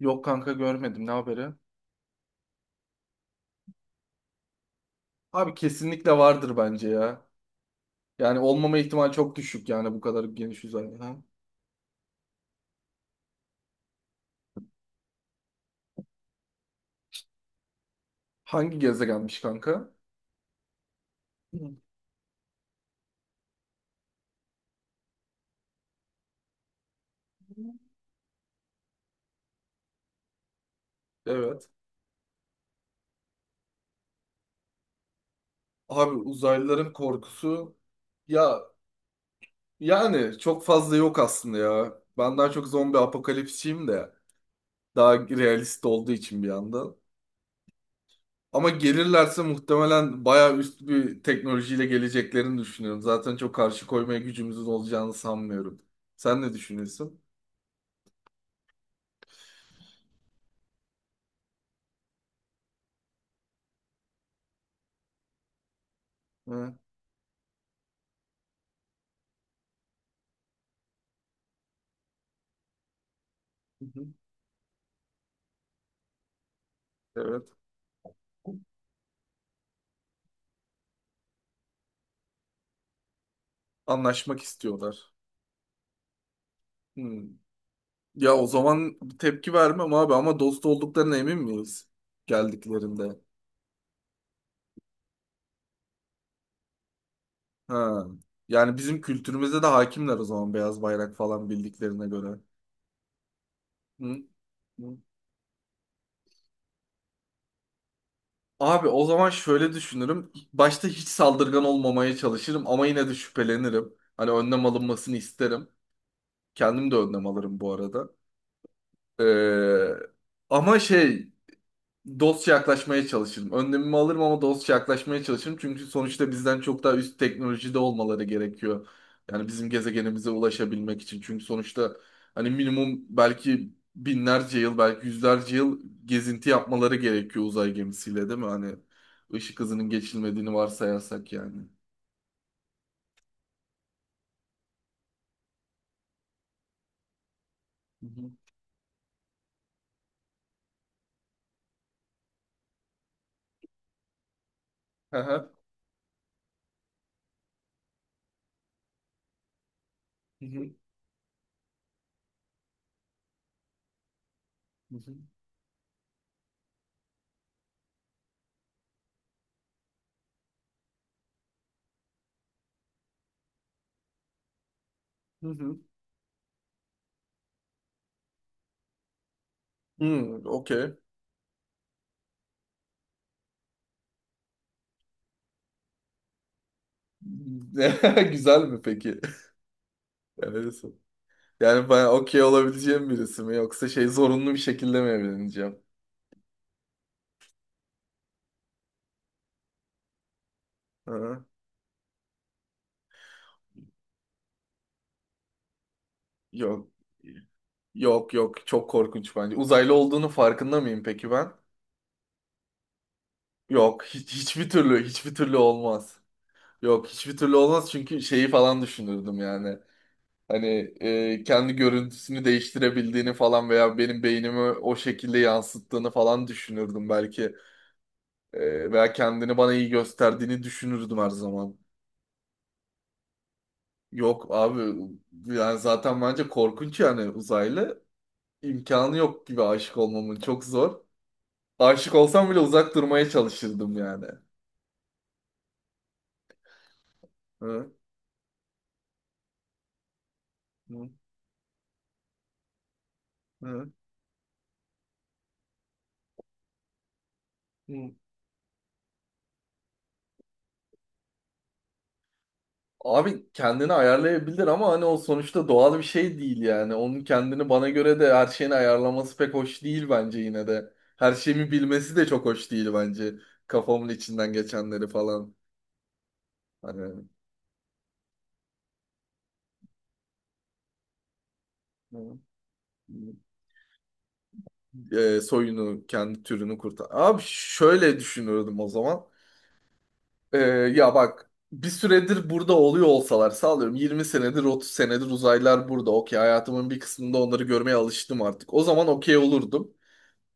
Yok kanka görmedim. Ne haberi? Abi kesinlikle vardır bence ya. Yani olmama ihtimali çok düşük yani bu kadar geniş uzay. Ha? Hangi gezegenmiş kanka? Hı. Evet. Abi uzaylıların korkusu ya yani çok fazla yok aslında ya. Ben daha çok zombi apokalipsçiyim de daha realist olduğu için bir yandan. Ama gelirlerse muhtemelen bayağı üst bir teknolojiyle geleceklerini düşünüyorum. Zaten çok karşı koymaya gücümüzün olacağını sanmıyorum. Sen ne düşünüyorsun? Hı. Hı hı. Evet. Anlaşmak istiyorlar. Hmm. Ya o zaman tepki vermem abi ama dost olduklarına emin miyiz geldiklerinde? Ha. Yani bizim kültürümüze de hakimler o zaman beyaz bayrak falan bildiklerine göre. Hı? Hı. Abi o zaman şöyle düşünürüm. Başta hiç saldırgan olmamaya çalışırım ama yine de şüphelenirim. Hani önlem alınmasını isterim. Kendim de önlem alırım bu arada. Ee, ama şey dostça yaklaşmaya çalışırım. Önlemimi alırım ama dostça yaklaşmaya çalışırım. Çünkü sonuçta bizden çok daha üst teknolojide olmaları gerekiyor. Yani bizim gezegenimize ulaşabilmek için. Çünkü sonuçta hani minimum belki binlerce yıl, belki yüzlerce yıl gezinti yapmaları gerekiyor uzay gemisiyle değil mi? Hani ışık hızının geçilmediğini varsayarsak yani. Hı hı. Aha. Hı hı. Hı hı. Hı hı. Hmm, okey. Güzel mi peki? Evet. Yani bana okey olabileceğim birisi mi yoksa şey zorunlu bir şekilde mi evleneceğim? Hı? Yok. Yok yok çok korkunç bence. Uzaylı olduğunu farkında mıyım peki ben? Yok hiç, hiçbir türlü hiçbir türlü olmaz. Yok hiçbir türlü olmaz çünkü şeyi falan düşünürdüm yani. Hani kendi görüntüsünü değiştirebildiğini falan veya benim beynimi o şekilde yansıttığını falan düşünürdüm belki. Veya kendini bana iyi gösterdiğini düşünürdüm her zaman. Yok abi yani zaten bence korkunç yani uzaylı. İmkanı yok gibi aşık olmamın çok zor. Aşık olsam bile uzak durmaya çalışırdım yani. Hı, hı, hı, hı. Abi kendini ayarlayabilir ama hani o sonuçta doğal bir şey değil yani. Onun kendini bana göre de her şeyini ayarlaması pek hoş değil bence yine de. Her şeyimi bilmesi de çok hoş değil bence. Kafamın içinden geçenleri falan. Hani, hı, hı. Soyunu, kendi türünü kurtar. Abi şöyle düşünürdüm o zaman. E, ya bak bir süredir burada oluyor olsalar sağlıyorum 20 senedir 30 senedir uzaylılar burada. Okey hayatımın bir kısmında onları görmeye alıştım artık. O zaman okey olurdum.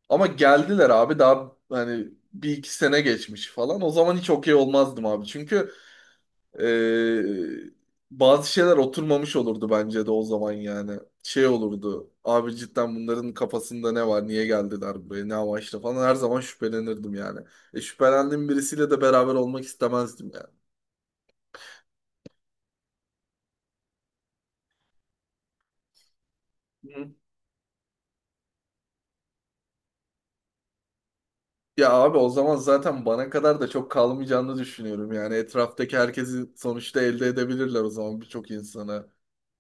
Ama geldiler abi daha hani bir iki sene geçmiş falan. O zaman hiç okey olmazdım abi. Çünkü ee, bazı şeyler oturmamış olurdu bence de o zaman yani. Şey olurdu. Abi cidden bunların kafasında ne var? Niye geldiler buraya? Ne amaçla falan. Her zaman şüphelenirdim yani. Şüphelendiğim birisiyle de beraber olmak istemezdim yani. Hı. Ya abi o zaman zaten bana kadar da çok kalmayacağını düşünüyorum. Yani etraftaki herkesi sonuçta elde edebilirler o zaman birçok insanı.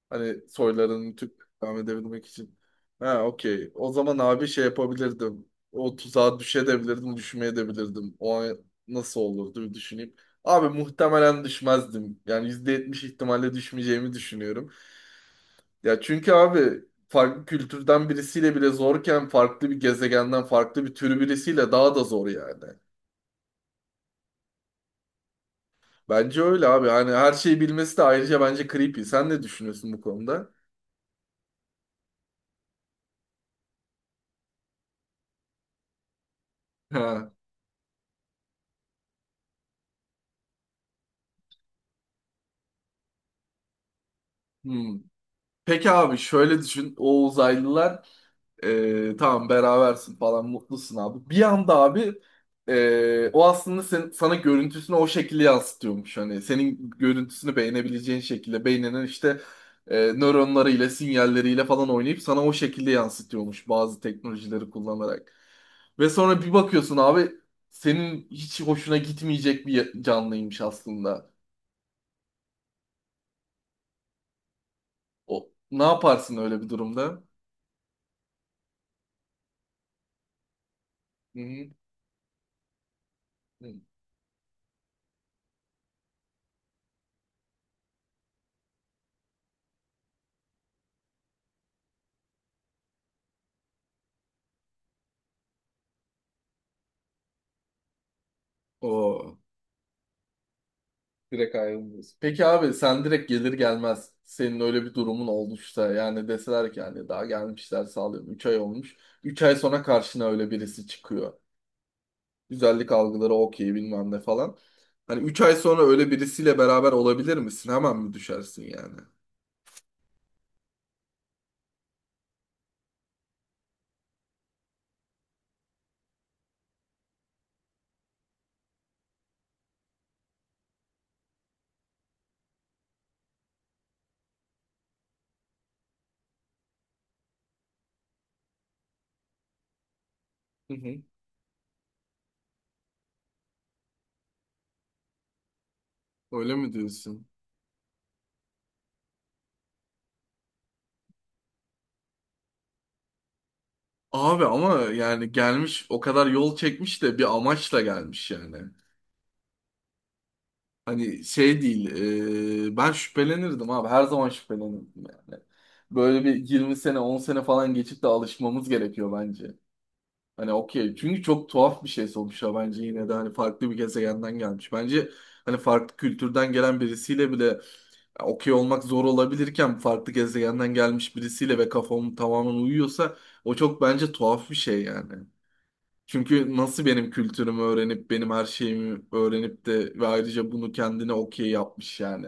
Hani soylarını Türk devam edebilmek için. Ha okey. O zaman abi şey yapabilirdim. O tuzağa düşebilirdim, düşmeyebilirdim. O an nasıl olurdu bir düşüneyim. Abi muhtemelen düşmezdim. Yani %70 ihtimalle düşmeyeceğimi düşünüyorum. Ya çünkü abi farklı kültürden birisiyle bile zorken farklı bir gezegenden farklı bir türü birisiyle daha da zor yani. Bence öyle abi. Hani her şeyi bilmesi de ayrıca bence creepy. Sen ne düşünüyorsun bu konuda? Ha. Hmm. Peki abi şöyle düşün. O uzaylılar tamam berabersin falan mutlusun abi. Bir anda abi o aslında sen, sana görüntüsünü o şekilde yansıtıyormuş. Hani senin görüntüsünü beğenebileceğin şekilde beyninin işte nöronlarıyla sinyalleriyle falan oynayıp sana o şekilde yansıtıyormuş bazı teknolojileri kullanarak. Ve sonra bir bakıyorsun abi senin hiç hoşuna gitmeyecek bir canlıymış aslında. O, ne yaparsın öyle bir durumda? Hı hı. O. Direkt ayrılmıyorsun. Peki abi sen direkt gelir gelmez senin öyle bir durumun olmuşsa yani deseler ki yani daha gelmişler sağlıyorum 3 ay olmuş. Üç ay sonra karşına öyle birisi çıkıyor. Güzellik algıları okey bilmem ne falan. Hani 3 ay sonra öyle birisiyle beraber olabilir misin? Hemen mi düşersin yani? Hı hı. Öyle mi diyorsun? Abi ama yani gelmiş o kadar yol çekmiş de bir amaçla gelmiş yani. Hani şey değil, ben şüphelenirdim abi. Her zaman şüphelenirdim yani. Böyle bir 20 sene, 10 sene falan geçip de alışmamız gerekiyor bence. Hani okey. Çünkü çok tuhaf bir şey sonuçta bence yine de hani farklı bir gezegenden gelmiş. Bence hani farklı kültürden gelen birisiyle bile okey olmak zor olabilirken farklı gezegenden gelmiş birisiyle ve kafam tamamen uyuyorsa o çok bence tuhaf bir şey yani. Çünkü nasıl benim kültürümü öğrenip benim her şeyimi öğrenip de ve ayrıca bunu kendine okey yapmış yani.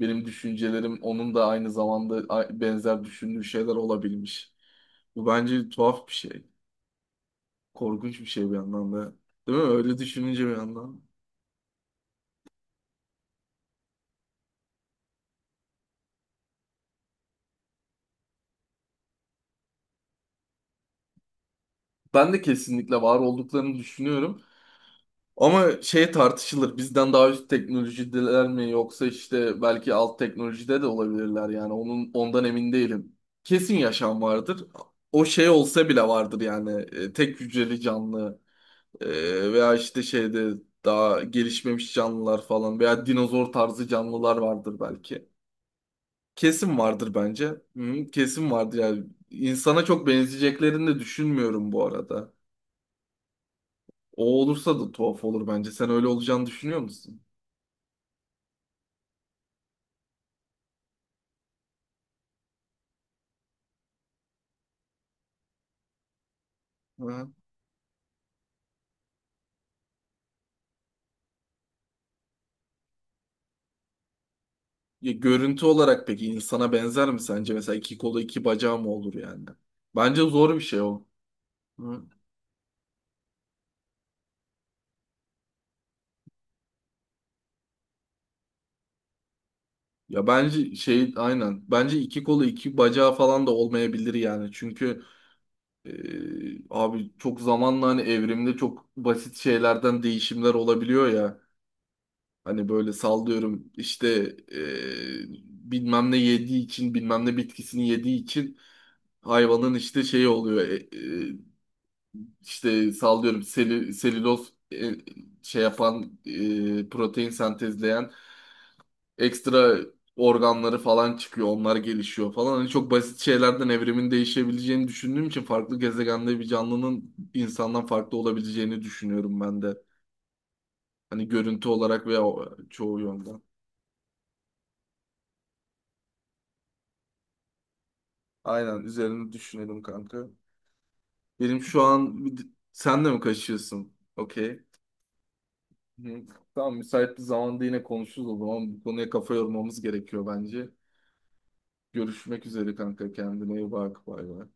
Benim düşüncelerim onun da aynı zamanda benzer düşündüğü şeyler olabilmiş. Bu bence tuhaf bir şey. Korkunç bir şey bir yandan da. Değil mi? Öyle düşününce bir yandan. Ben de kesinlikle var olduklarını düşünüyorum. Ama şey tartışılır. Bizden daha üst teknolojideler mi yoksa işte belki alt teknolojide de olabilirler yani. Onun ondan emin değilim. Kesin yaşam vardır. O şey olsa bile vardır yani. Tek hücreli canlı veya işte şeyde daha gelişmemiş canlılar falan veya dinozor tarzı canlılar vardır belki. Kesin vardır bence. Hı, kesin vardır yani. İnsana çok benzeyeceklerini de düşünmüyorum bu arada. O olursa da tuhaf olur bence. Sen öyle olacağını düşünüyor musun? Hı. Ya görüntü olarak peki insana benzer mi sence? Mesela iki kolu iki bacağı mı olur yani? Bence zor bir şey o. Hı. Ya bence şey aynen. Bence iki kolu iki bacağı falan da olmayabilir yani. Çünkü e, abi çok zamanla hani evrimde çok basit şeylerden değişimler olabiliyor ya. Hani böyle sallıyorum işte e, bilmem ne yediği için bilmem ne bitkisini yediği için hayvanın işte şeyi oluyor. İşte sallıyorum seli, selüloz şey yapan protein sentezleyen ekstra organları falan çıkıyor. Onlar gelişiyor falan. Hani çok basit şeylerden evrimin değişebileceğini düşündüğüm için farklı gezegende bir canlının insandan farklı olabileceğini düşünüyorum ben de. Hani görüntü olarak veya çoğu yönden. Aynen üzerine düşünelim kanka. Benim şu an sen de mi kaçıyorsun? Okey. Hı. Tamam müsait bir zamanda yine konuşuruz o zaman. Bu konuya kafa yormamız gerekiyor bence. Görüşmek üzere kanka kendine iyi bak bay bay.